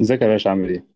ازيك يا باشا؟ عامل ايه؟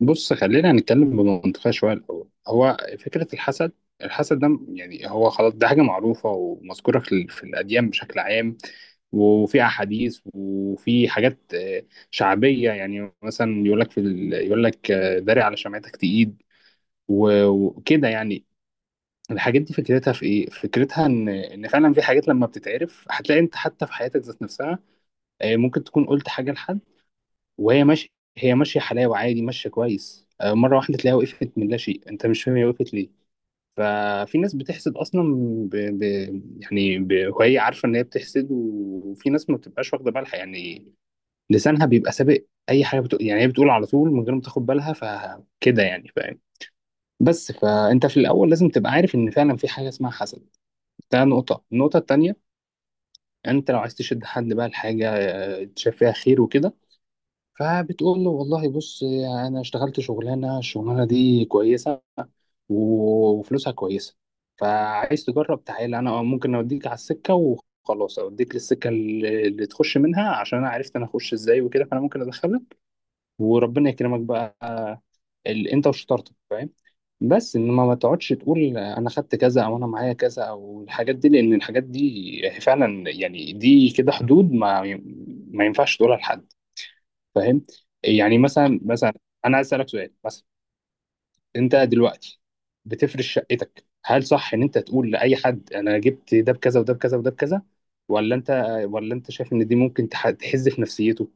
بص، خلينا نتكلم بمنطقية شوية. الأول هو فكرة الحسد. الحسد ده يعني هو خلاص ده حاجة معروفة ومذكورة في الأديان بشكل عام، وفي أحاديث وفي حاجات شعبية. يعني مثلا يقول لك يقول لك داري على شمعتك تقيد، و- وكده يعني. الحاجات دي فكرتها في ايه؟ فكرتها ان فعلا في حاجات لما بتتعرف هتلاقي انت حتى في حياتك ذات نفسها ممكن تكون قلت حاجة لحد وهي ماشيه هي ماشيه حلاوه، عادي، ماشيه كويس، مره واحده تلاقيها وقفت من لا شيء، انت مش فاهم هي وقفت ليه. ففي ناس بتحسد اصلا، ب... ب... يعني وهي عارفه ان هي بتحسد، و- وفي ناس ما بتبقاش واخده بالها يعني، لسانها بيبقى سابق، اي حاجه بتقول، يعني هي بتقول على طول من غير ما تاخد بالها، فكده يعني، فاهم؟ بس فانت في الاول لازم تبقى عارف ان فعلا في حاجه اسمها حسد. ده نقطه. النقطه التانيه، انت لو عايز تشد حد بقى لحاجه تشاف فيها خير وكده، فبتقول له والله بص، انا اشتغلت شغلانه، الشغلانه دي كويسه، و- وفلوسها كويسه، فعايز تجرب، تعالى انا ممكن اوديك على السكه، وخلاص اوديك للسكه اللي تخش منها عشان انا عرفت انا اخش ازاي وكده، فانا ممكن ادخلك وربنا يكرمك بقى انت وشطارتك، فاهم؟ بس انما ما تقعدش تقول انا خدت كذا، او انا معايا كذا، او الحاجات دي، لان الحاجات دي فعلا يعني دي كده حدود ما ينفعش تقولها لحد، فاهم؟ يعني مثلا انا عايز اسالك سؤال. مثلا انت دلوقتي بتفرش شقتك، هل صح ان انت تقول لاي حد انا جبت ده بكذا وده بكذا وده بكذا، ولا انت ولا انت شايف ان دي ممكن تحز في نفسيته؟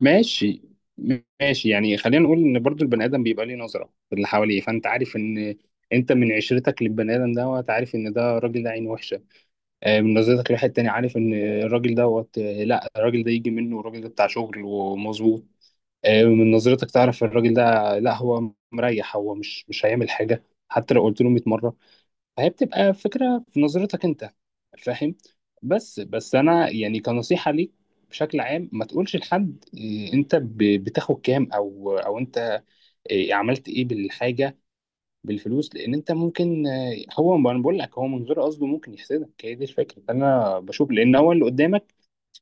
ماشي. ماشي، يعني خلينا نقول ان برضو البني ادم بيبقى ليه نظره في اللي حواليه. فانت عارف ان انت من عشرتك للبني ادم دوت، عارف ان ده الراجل ده عين وحشه، من نظرتك لواحد تاني عارف ان الراجل دوت، لا الراجل ده يجي منه، والراجل ده بتاع شغل ومظبوط، من نظرتك تعرف الراجل ده لا هو مريح، هو مش هيعمل حاجة حتى لو قلت له 100 مرة. فهي بتبقى فكرة في نظرتك انت، فاهم؟ بس انا يعني كنصيحة ليك، بشكل عام ما تقولش لحد انت بتاخد كام، او انت عملت ايه بالحاجة، بالفلوس، لان انت ممكن هو انا بقول لك هو من غير قصده ممكن يحسدك، هي دي الفكرة انا بشوف، لان هو اللي قدامك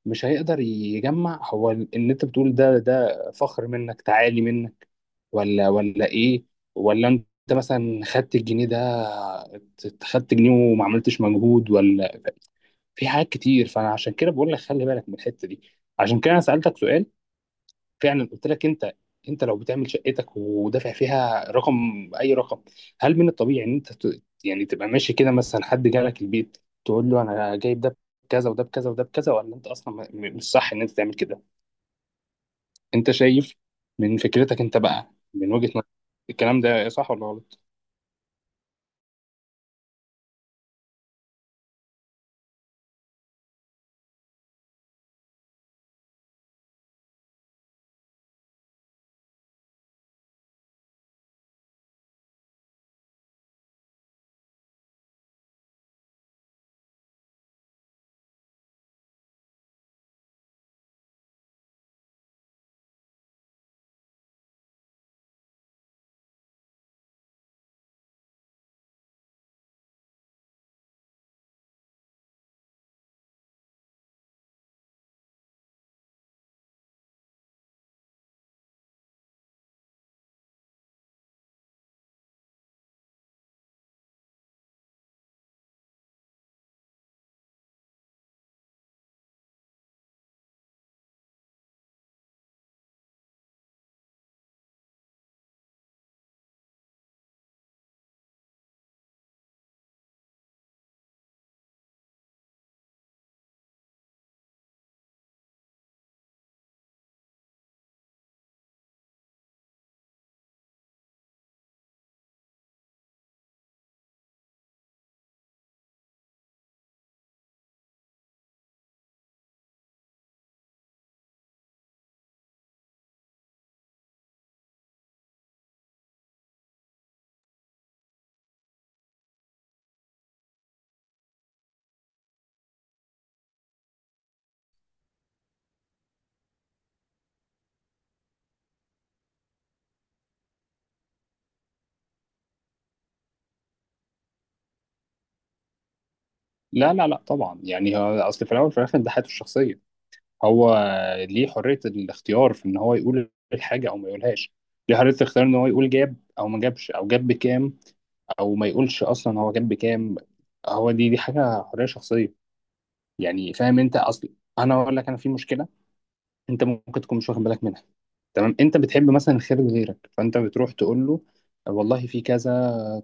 مش هيقدر يجمع هو ان انت بتقول ده فخر منك، تعالي منك، ولا ايه؟ ولا انت مثلا خدت الجنيه ده، خدت جنيه وما عملتش مجهود ولا في حاجات كتير. فانا عشان كده بقول لك خلي بالك من الحته دي. عشان كده انا سالتك سؤال، فعلا قلت لك انت لو بتعمل شقتك ودافع فيها رقم، اي رقم، هل من الطبيعي ان انت يعني تبقى ماشي كده مثلا، حد جالك البيت تقول له انا جايب ده بكذا وده بكذا وده بكذا، ولا انت اصلا مش صح ان انت تعمل كده؟ انت شايف من فكرتك انت بقى، من وجهة نظرك، الكلام ده صح ولا غلط؟ لا، لا، لا، طبعا. يعني هو اصل في الاول وفي الاخر ده حياته الشخصيه. هو ليه حريه الاختيار في ان هو يقول الحاجه او ما يقولهاش، ليه حريه الاختيار ان هو يقول جاب او ما جابش او جاب بكام، او ما يقولش اصلا هو جاب بكام. هو دي حاجه حريه شخصيه، يعني. فاهم؟ انت اصل انا اقول لك انا في مشكله، انت ممكن تكون مش واخد بالك منها. تمام، انت بتحب مثلا الخير لغيرك، فانت بتروح تقول له والله في كذا،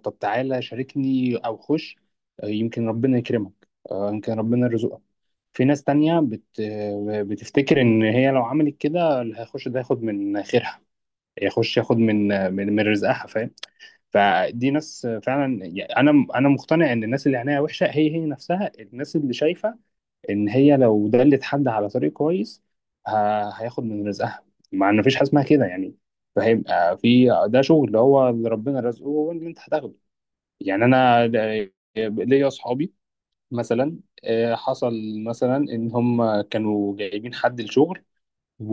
طب تعالى شاركني او خش، يمكن ربنا يكرمك، يمكن ربنا يرزقك. في ناس تانية بت... آه، بتفتكر ان هي لو عملت كده اللي هيخش ده ياخد من خيرها، يخش ياخد من, رزقها، فاهم؟ فدي ناس فعلا، يعني انا مقتنع ان الناس اللي عينيها وحشة، هي نفسها الناس اللي شايفة ان هي لو دلت حد على طريق كويس هياخد من رزقها، مع ان مفيش حاجه اسمها كده يعني. فهيبقى في ده شغل اللي هو اللي ربنا رزقه هو اللي انت هتاخده. يعني انا ليا اصحابي مثلا حصل مثلا ان هم كانوا جايبين حد الشغل، و...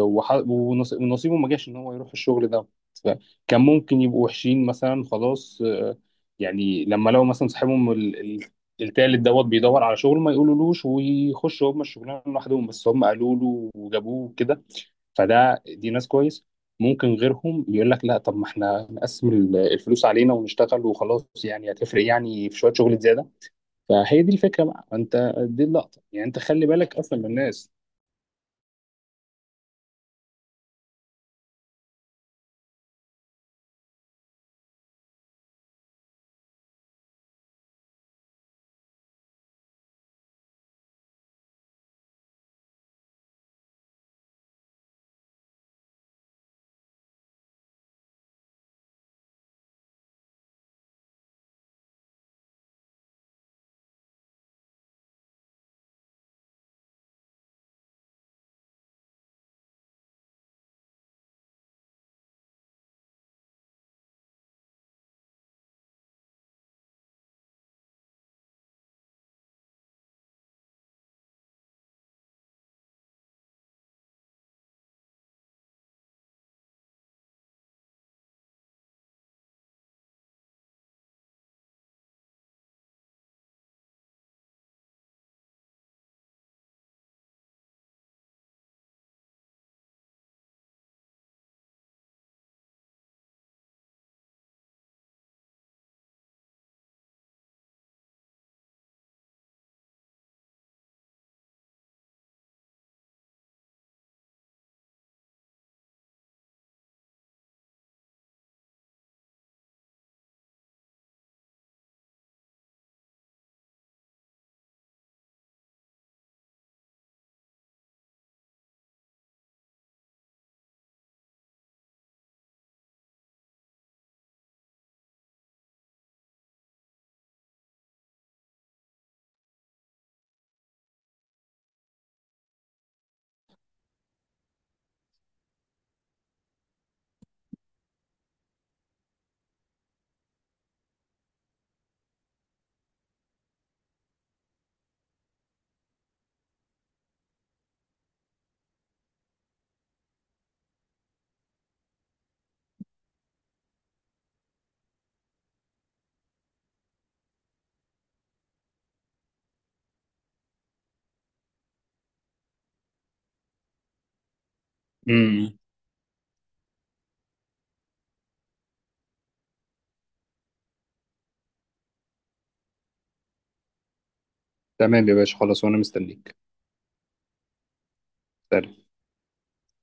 وح... ونص- ونصيبه ما جاش ان هو يروح الشغل ده. فكان ممكن يبقوا وحشين مثلا، خلاص يعني لما لو مثلا صاحبهم التالت دوت بيدور على شغل ما يقولولوش، ويخشوا هم الشغلانه لوحدهم، بس هم قالوا له وجابوه كده، فده دي ناس كويس. ممكن غيرهم يقول لك لا، طب ما احنا نقسم الفلوس علينا ونشتغل وخلاص، يعني هتفرق يعني في شويه شغل زياده. فهي دي الفكره بقى، انت دي اللقطه، يعني انت خلي بالك اصلا من الناس. تمام يا باشا، خلاص وانا مستنيك. سلام.